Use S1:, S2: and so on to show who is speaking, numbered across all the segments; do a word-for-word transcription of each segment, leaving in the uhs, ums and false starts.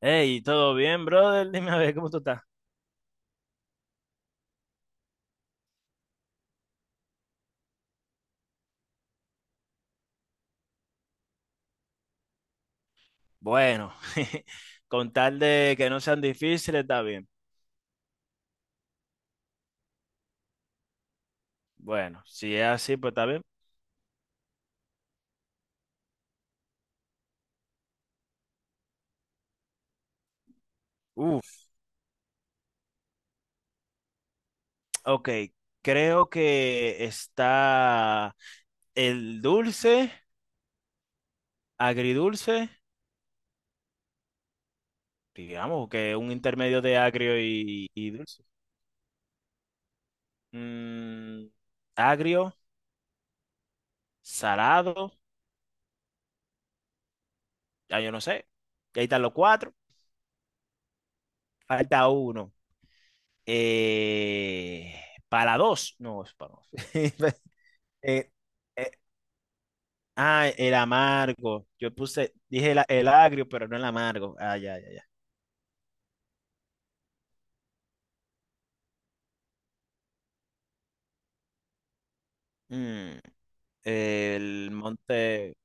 S1: Hey, ¿todo bien, brother? Dime a ver, ¿cómo tú estás? Bueno, con tal de que no sean difíciles, está bien. Bueno, si es así, pues está bien. Uf, ok. Creo que está el dulce, agridulce, digamos que un intermedio de agrio y, y dulce. Mm, Agrio, salado, ya yo no sé. Y ahí están los cuatro, falta uno. Eh, para dos, no, es para dos. Eh, eh, ah, el amargo. Yo puse, dije la- el agrio, pero no el amargo. Ah, ya, ya, ya. Mm, el monte.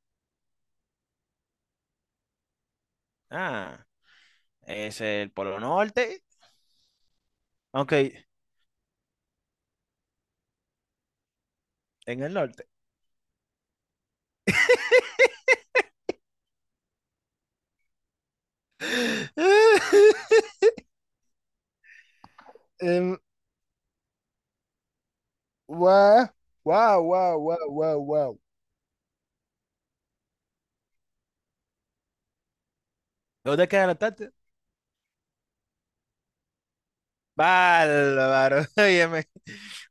S1: Ah, es el Polo Norte. Ok, en el norte. Em, Guau, guau, guau, guau, guau, guau. ¿Dónde queda la tarta? Bárbaro. Óyeme.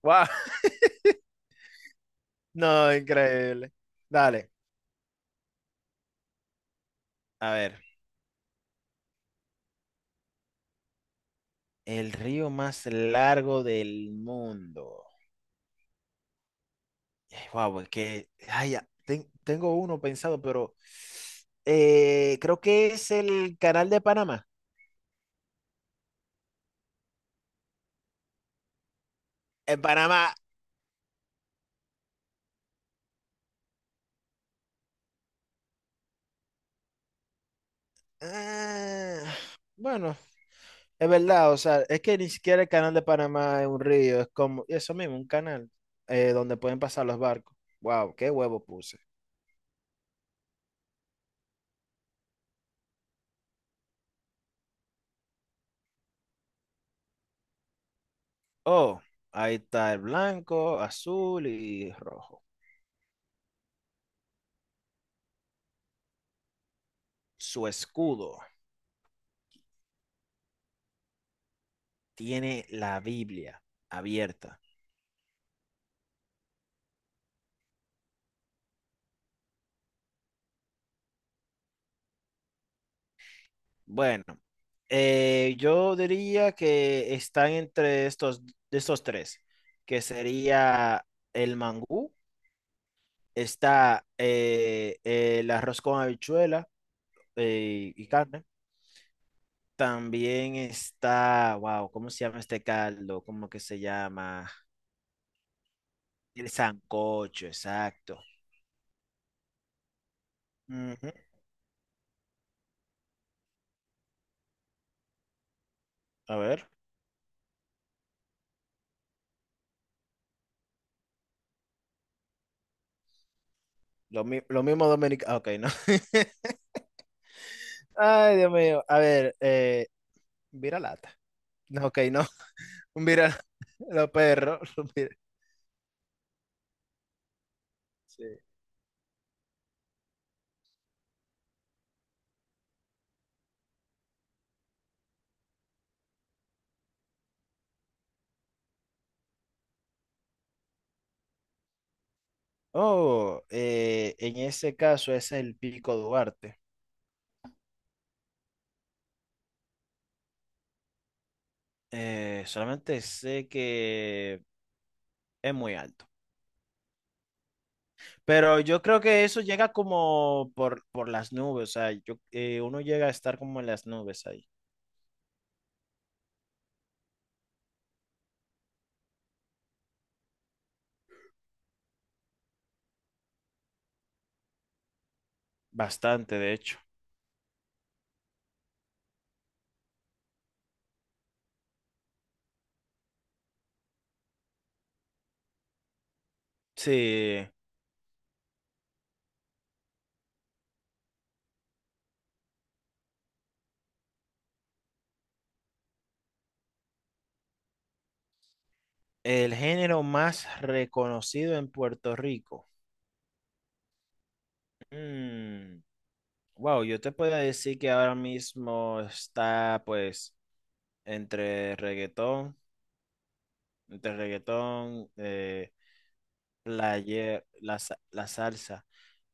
S1: Wow. No, increíble. Dale. A ver. El río más largo del mundo. Wow, es que ay, ya, ten- tengo uno pensado, pero eh, creo que es el canal de Panamá. En Panamá, ah, bueno, es verdad, o sea, es que ni siquiera el canal de Panamá es un río, es como eso mismo, un canal eh, donde pueden pasar los barcos. Wow, qué huevo puse. Oh, ahí está el blanco, azul y rojo. Su escudo tiene la Biblia abierta. Bueno, eh, yo diría que están entre estos, de estos tres, que sería el mangú, está eh, el arroz con habichuela eh, y carne. También está, wow, ¿cómo se llama este caldo? ¿Cómo que se llama? El sancocho, exacto. Ujú. A ver, lo, mi- lo mismo dominicano. Ok, no. Ay, Dios mío. A ver, eh, vira lata. No, ok, no. Mira, los perros. Mira. Sí. Oh, eh, en ese caso ese es el Pico Duarte. Eh, solamente sé que es muy alto. Pero yo creo que eso llega como por, por las nubes. O sea, yo, eh, uno llega a estar como en las nubes ahí. Bastante, de hecho. Sí. El género más reconocido en Puerto Rico. Mm, Wow, yo te puedo decir que ahora mismo está pues entre reggaetón, entre reggaetón, eh, player, la, sa- la salsa.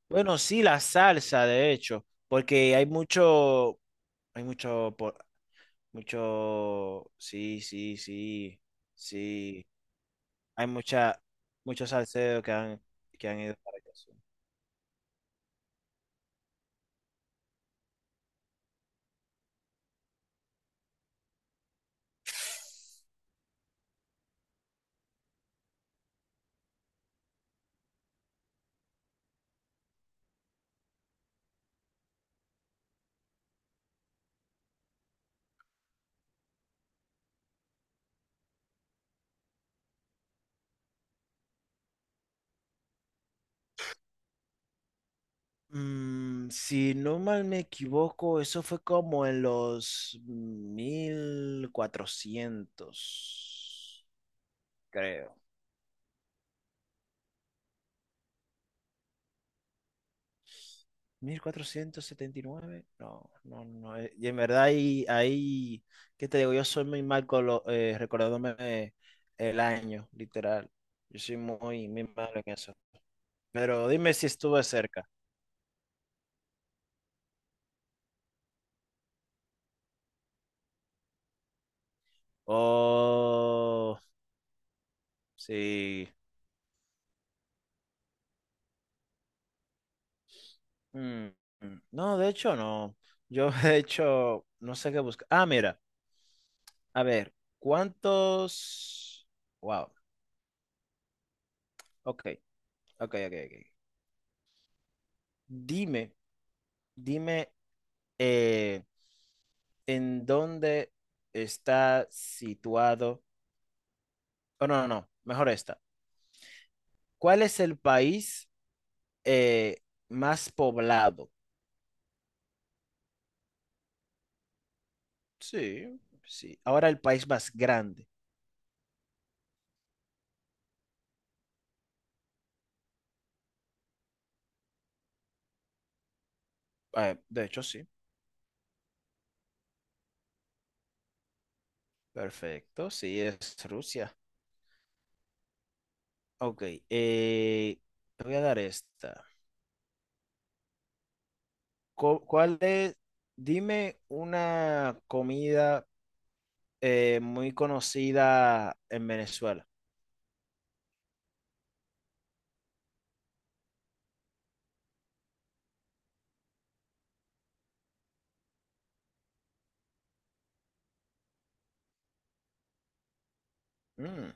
S1: Bueno, sí, la salsa, de hecho, porque hay mucho, hay mucho, por mucho, sí, sí, sí, sí, hay mucha, muchos salseros que han, que han ido para allá. Sí. Mm, si no mal me equivoco, eso fue como en los mil cuatrocientos creo. Mil cuatrocientos setenta y nueve no, no, no. eh, Y en verdad ahí, ahí, ¿qué te digo? Yo soy muy mal con lo- eh, recordándome eh, el año, literal. Yo soy muy, muy malo en eso. Pero dime si estuve cerca. Oh, sí. Mm, mm. No, de hecho no. Yo de hecho no sé qué buscar. Ah, mira, a ver, ¿cuántos? Wow. Ok, ok, ok, ok. Dime, dime. eh, ¿En dónde está situado? Oh, no, no, no, mejor esta. ¿Cuál es el país eh, más poblado? Sí, sí. Ahora el país más grande. Ah, de hecho, sí. Perfecto, sí, es Rusia. Ok, eh, te voy a dar esta. Co- ¿Cuál es? Dime una comida eh, muy conocida en Venezuela. Mm.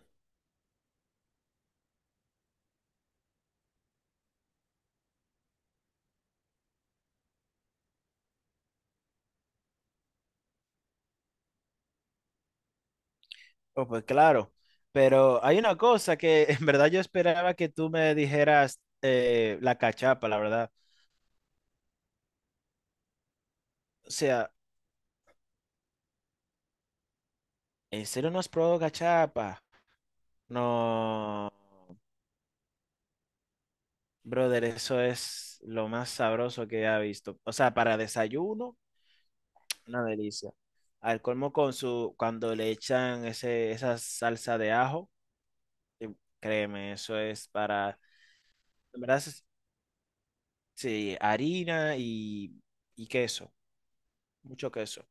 S1: Oh, pues claro, pero hay una cosa que en verdad yo esperaba que tú me dijeras eh, la cachapa, la verdad. O sea, ¿en serio no has probado cachapa? No, brother, eso es lo más sabroso que he visto. O sea, para desayuno, una delicia. Al colmo con su, cuando le echan ese, esa salsa de ajo, eh, créeme, eso es para, en verdad, es- sí, harina y, y queso, mucho queso.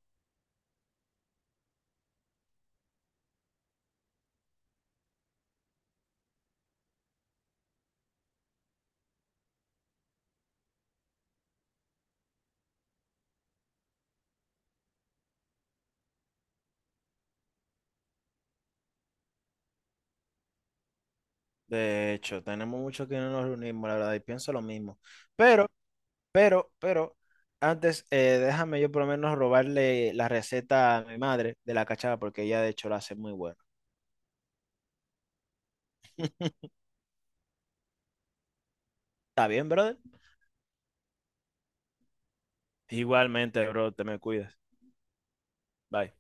S1: De hecho, tenemos mucho que no nos reunimos, la verdad, y pienso lo mismo. Pero, pero, pero, antes, eh, déjame yo por lo menos robarle la receta a mi madre de la cachava, porque ella de hecho la hace muy buena. ¿Está bien, brother? Igualmente, bro, te me cuidas. Bye.